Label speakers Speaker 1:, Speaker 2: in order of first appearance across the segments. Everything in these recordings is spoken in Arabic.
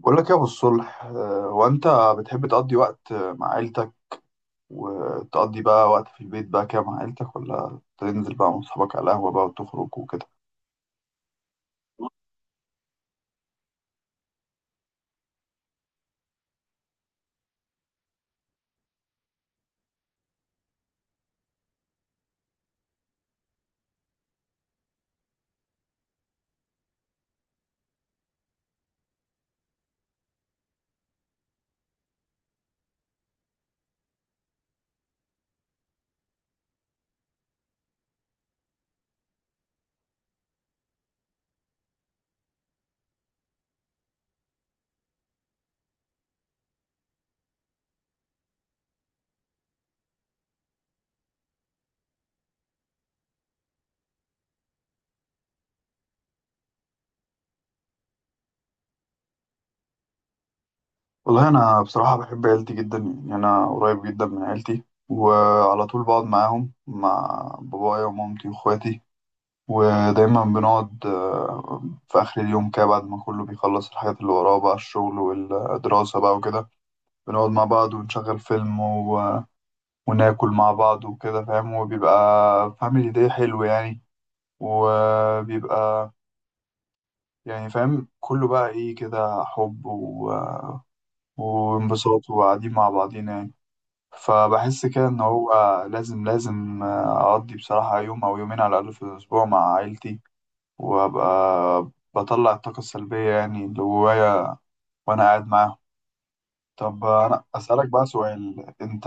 Speaker 1: بقول لك يا ابو الصلح، هو انت بتحب تقضي وقت مع عيلتك، وتقضي بقى وقت في البيت بقى كده مع عيلتك ولا تنزل بقى مع اصحابك على القهوه بقى وتخرج وكده؟ والله انا بصراحه بحب عيلتي جدا، يعني انا قريب جدا من عيلتي وعلى طول بقعد معاهم مع بابايا ومامتي واخواتي. ودايما بنقعد في اخر اليوم كده بعد ما كله بيخلص الحاجات اللي وراه بقى الشغل والدراسه بقى وكده، بنقعد مع بعض ونشغل فيلم وناكل مع بعض وكده فاهم، وبيبقى فاميلي داي حلو يعني، وبيبقى يعني فاهم كله بقى ايه كده حب وانبساط وقاعدين مع بعضينا يعني. فبحس كده ان هو لازم اقضي بصراحة يوم او يومين على الاقل في الاسبوع مع عيلتي، وابقى بطلع الطاقة السلبية يعني اللي جوايا وانا قاعد معاهم. طب انا اسألك بقى سؤال، انت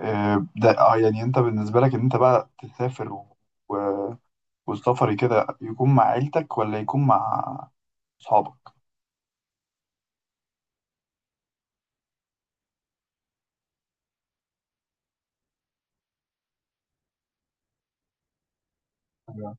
Speaker 1: ده يعني انت بالنسبة لك ان انت بقى تسافر و- والسفر كده يكون مع عيلتك ولا يكون مع اصحابك؟ أيوة.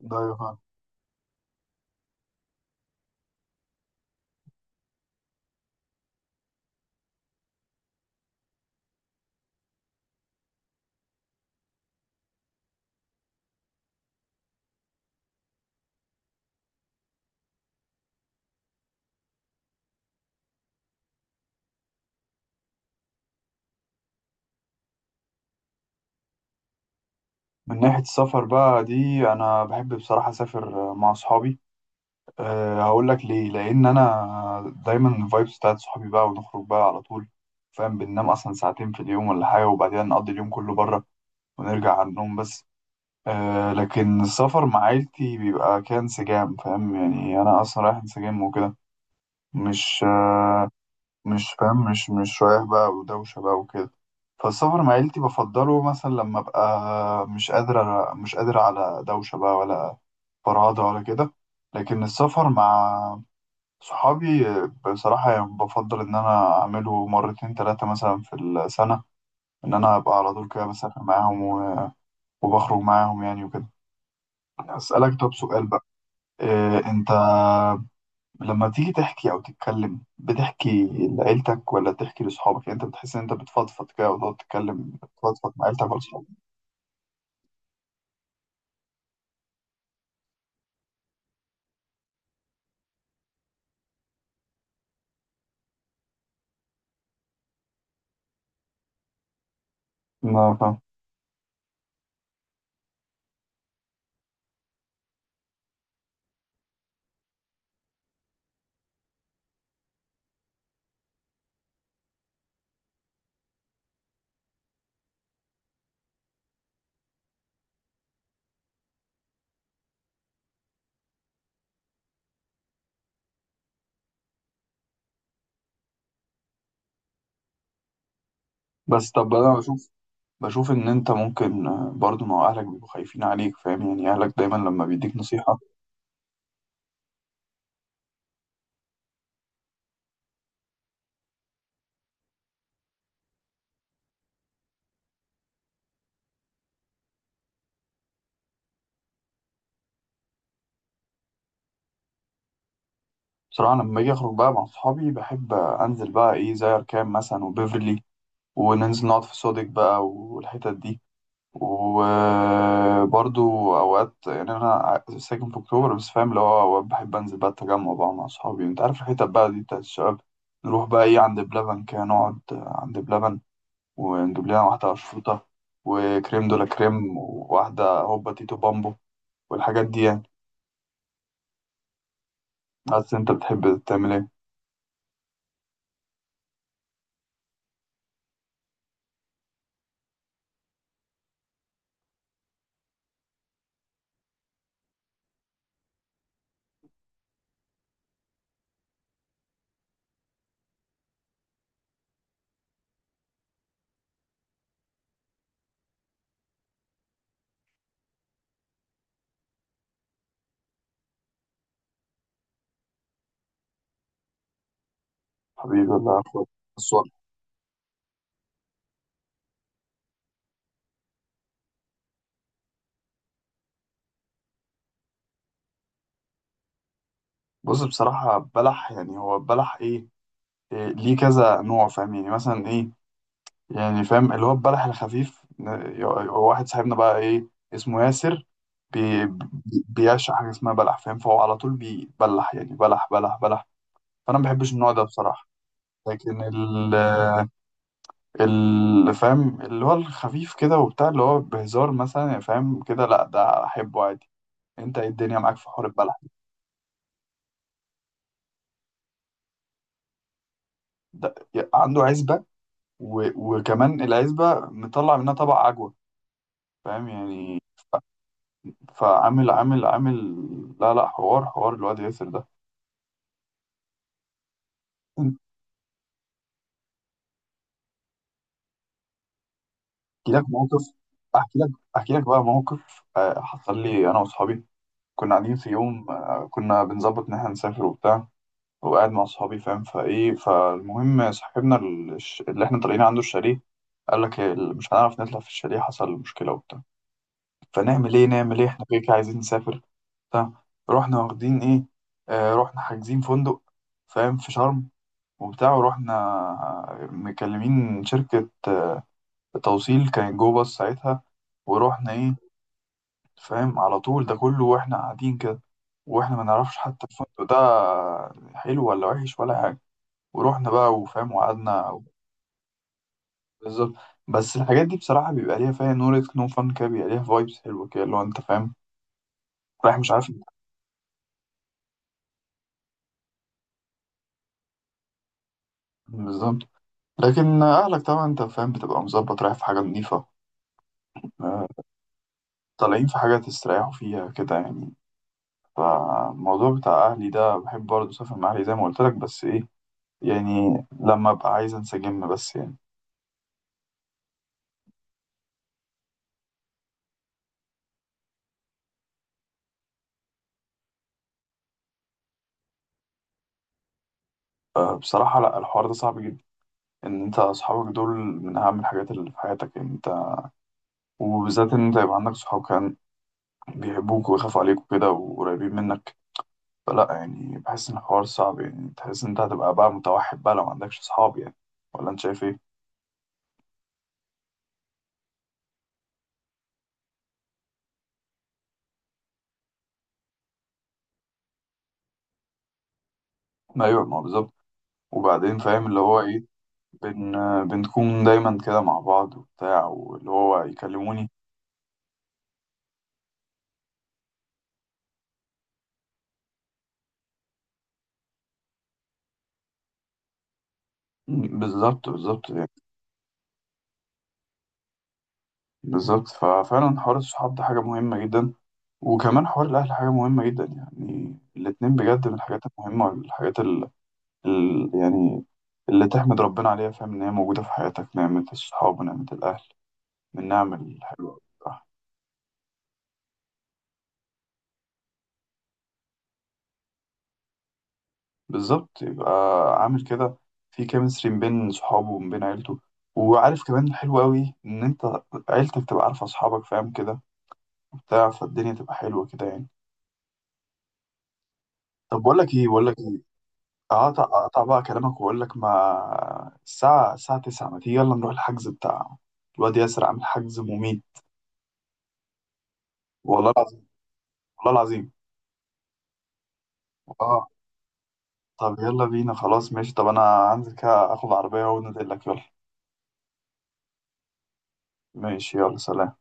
Speaker 1: ده أيوة فاهم. من ناحية السفر بقى دي انا بحب بصراحة اسافر مع اصحابي. هقول لك ليه، لان انا دايما الفايبس بتاعت صحابي بقى ونخرج بقى على طول فاهم، بننام اصلا ساعتين في اليوم ولا حاجة وبعدين نقضي اليوم كله بره ونرجع على النوم بس. لكن السفر مع عيلتي بيبقى كان انسجام فاهم، يعني انا اصلا رايح انسجام وكده، مش مش فاهم، مش رايح بقى ودوشة بقى وكده. فالسفر مع عيلتي بفضله مثلا لما ابقى مش قادر على دوشة بقى ولا فرهدة ولا كده. لكن السفر مع صحابي بصراحة يعني بفضل إن أنا أعمله مرتين تلاتة مثلا في السنة، إن أنا أبقى على طول كده بسافر معاهم وبخرج معاهم يعني وكده. أسألك طب سؤال بقى، إيه أنت لما تيجي تحكي او تتكلم بتحكي لعيلتك ولا بتحكي لاصحابك؟ يعني انت بتحس ان انت بتفضفض كده وتقعد تتكلم، تفضفض مع عيلتك ولا اصحابك؟ لا فاهم، بس طب انا بشوف ان انت ممكن برضو، ما هو اهلك بيبقوا خايفين عليك فاهم، يعني اهلك دايما لما بيديك نصيحة. بصراحة لما باجي اخرج بقى مع اصحابي بحب انزل بقى ايه زي اركان مثلا وبيفرلي، وننزل نقعد في صودك بقى والحتت دي. وبرضو اوقات يعني انا ساكن في اكتوبر بس فاهم اللي هو اوقات بحب انزل بقى التجمع بقى مع اصحابي، انت عارف الحتت بقى دي بتاعت الشباب. نروح بقى ايه عند بلبن كده نقعد عند بلبن، ونجيب لنا واحدة اشروطة وكريم دولا كريم وواحدة هوبا تيتو بامبو والحاجات دي يعني. بس انت بتحب تعمل ايه؟ حبيبي ولا اخوك، بس والله- بص بصراحة بلح يعني هو بلح ايه؟ إيه، ليه كذا نوع فاهم يعني مثلا ايه، يعني فاهم اللي هو البلح الخفيف، هو واحد صاحبنا بقى ايه اسمه ياسر، بيعشق حاجه اسمها بلح فاهم، فهو على طول بيبلح يعني بلح بلح بلح. فانا ما بحبش النوع ده بصراحه. لكن فاهم اللي هو الخفيف كده وبتاع اللي هو بهزار مثلا يعني فاهم كده، لا ده احبه عادي. انت ايه الدنيا معاك في حوار البلح؟ ده عنده عزبه و- وكمان العزبه مطلع منها طبق عجوه فاهم يعني. فعامل عامل عامل، لا لا حوار حوار الواد ياسر ده. احكي لك موقف، احكي لك احكي لك بقى موقف حصل لي انا واصحابي. كنا قاعدين في يوم كنا بنظبط ان احنا نسافر وبتاع، وقاعد مع اصحابي فاهم، فايه فالمهم صاحبنا اللي احنا طالعين عنده الشاليه قال لك، مش هنعرف نطلع في الشاليه، حصل مشكلة وبتاع، فنعمل ايه احنا كده كده عايزين نسافر بتاع رحنا واخدين ايه، رحنا حاجزين فندق فاهم في شرم وبتاع، ورحنا مكلمين شركة توصيل كانت جوه بس ساعتها، ورحنا ايه فاهم على طول. ده كله واحنا قاعدين كده واحنا ما نعرفش حتى الفندق ده حلو ولا وحش ولا حاجة، ورحنا بقى وفاهم وقعدنا. بالظبط، بس الحاجات دي بصراحة بيبقى ليها فيها نور نو فن كده، بيبقى ليها فايبس حلوة كده اللي هو انت فاهم رايح مش عارف انت- بالظبط. لكن أهلك طبعا أنت فاهم بتبقى مظبط رايح في حاجة نظيفة، آه، طالعين في حاجة تستريحوا فيها كده يعني. فالموضوع بتاع أهلي ده بحب برضه أسافر مع أهلي زي ما قلت لك، بس إيه، يعني لما أبقى عايز أنسجم بس يعني. بصراحة لأ، الحوار ده صعب جدا، إن أنت أصحابك دول من أهم الحاجات اللي في حياتك يعني أنت، وبالذات إن أنت يبقى عندك صحاب كان بيحبوك ويخافوا عليك وكده وقريبين منك. فلأ يعني بحس إن الحوار صعب، يعني تحس إن أنت هتبقى بقى متوحد بقى لو ما عندكش صحاب يعني، ولا أنت شايف إيه؟ ما أيوه ما هو بالظبط. وبعدين فاهم اللي هو إيه، بن بنكون دايما كده مع بعض وبتاع واللي هو يكلموني. بالظبط بالظبط يعني، بالظبط. ففعلا حوار الصحاب ده حاجة مهمة جدا، وكمان حوار الأهل حاجة مهمة جدا، يعني الاتنين بجد من الحاجات المهمة والحاجات يعني اللي تحمد ربنا عليها فاهم إن هي موجودة في حياتك، نعمة الصحاب ونعمة الأهل من نعم الحلوة بصراحة. بالظبط، يبقى عامل كده في كيمستري ما بين صحابه وما بين عيلته، وعارف كمان الحلو أوي إن أنت عيلتك تبقى عارفة أصحابك فاهم كده وبتاع، فالدنيا تبقى حلوة كده يعني. طب بقول لك إيه؟ اقطع بقى كلامك واقول لك، ما الساعة 9، ما تيجي يلا نروح الحجز بتاع الواد ياسر عامل حجز مميت. والله العظيم، والله العظيم. اه طب يلا بينا خلاص ماشي، طب انا هنزل كده اخد عربية ونزل لك يلا. ماشي يلا سلام.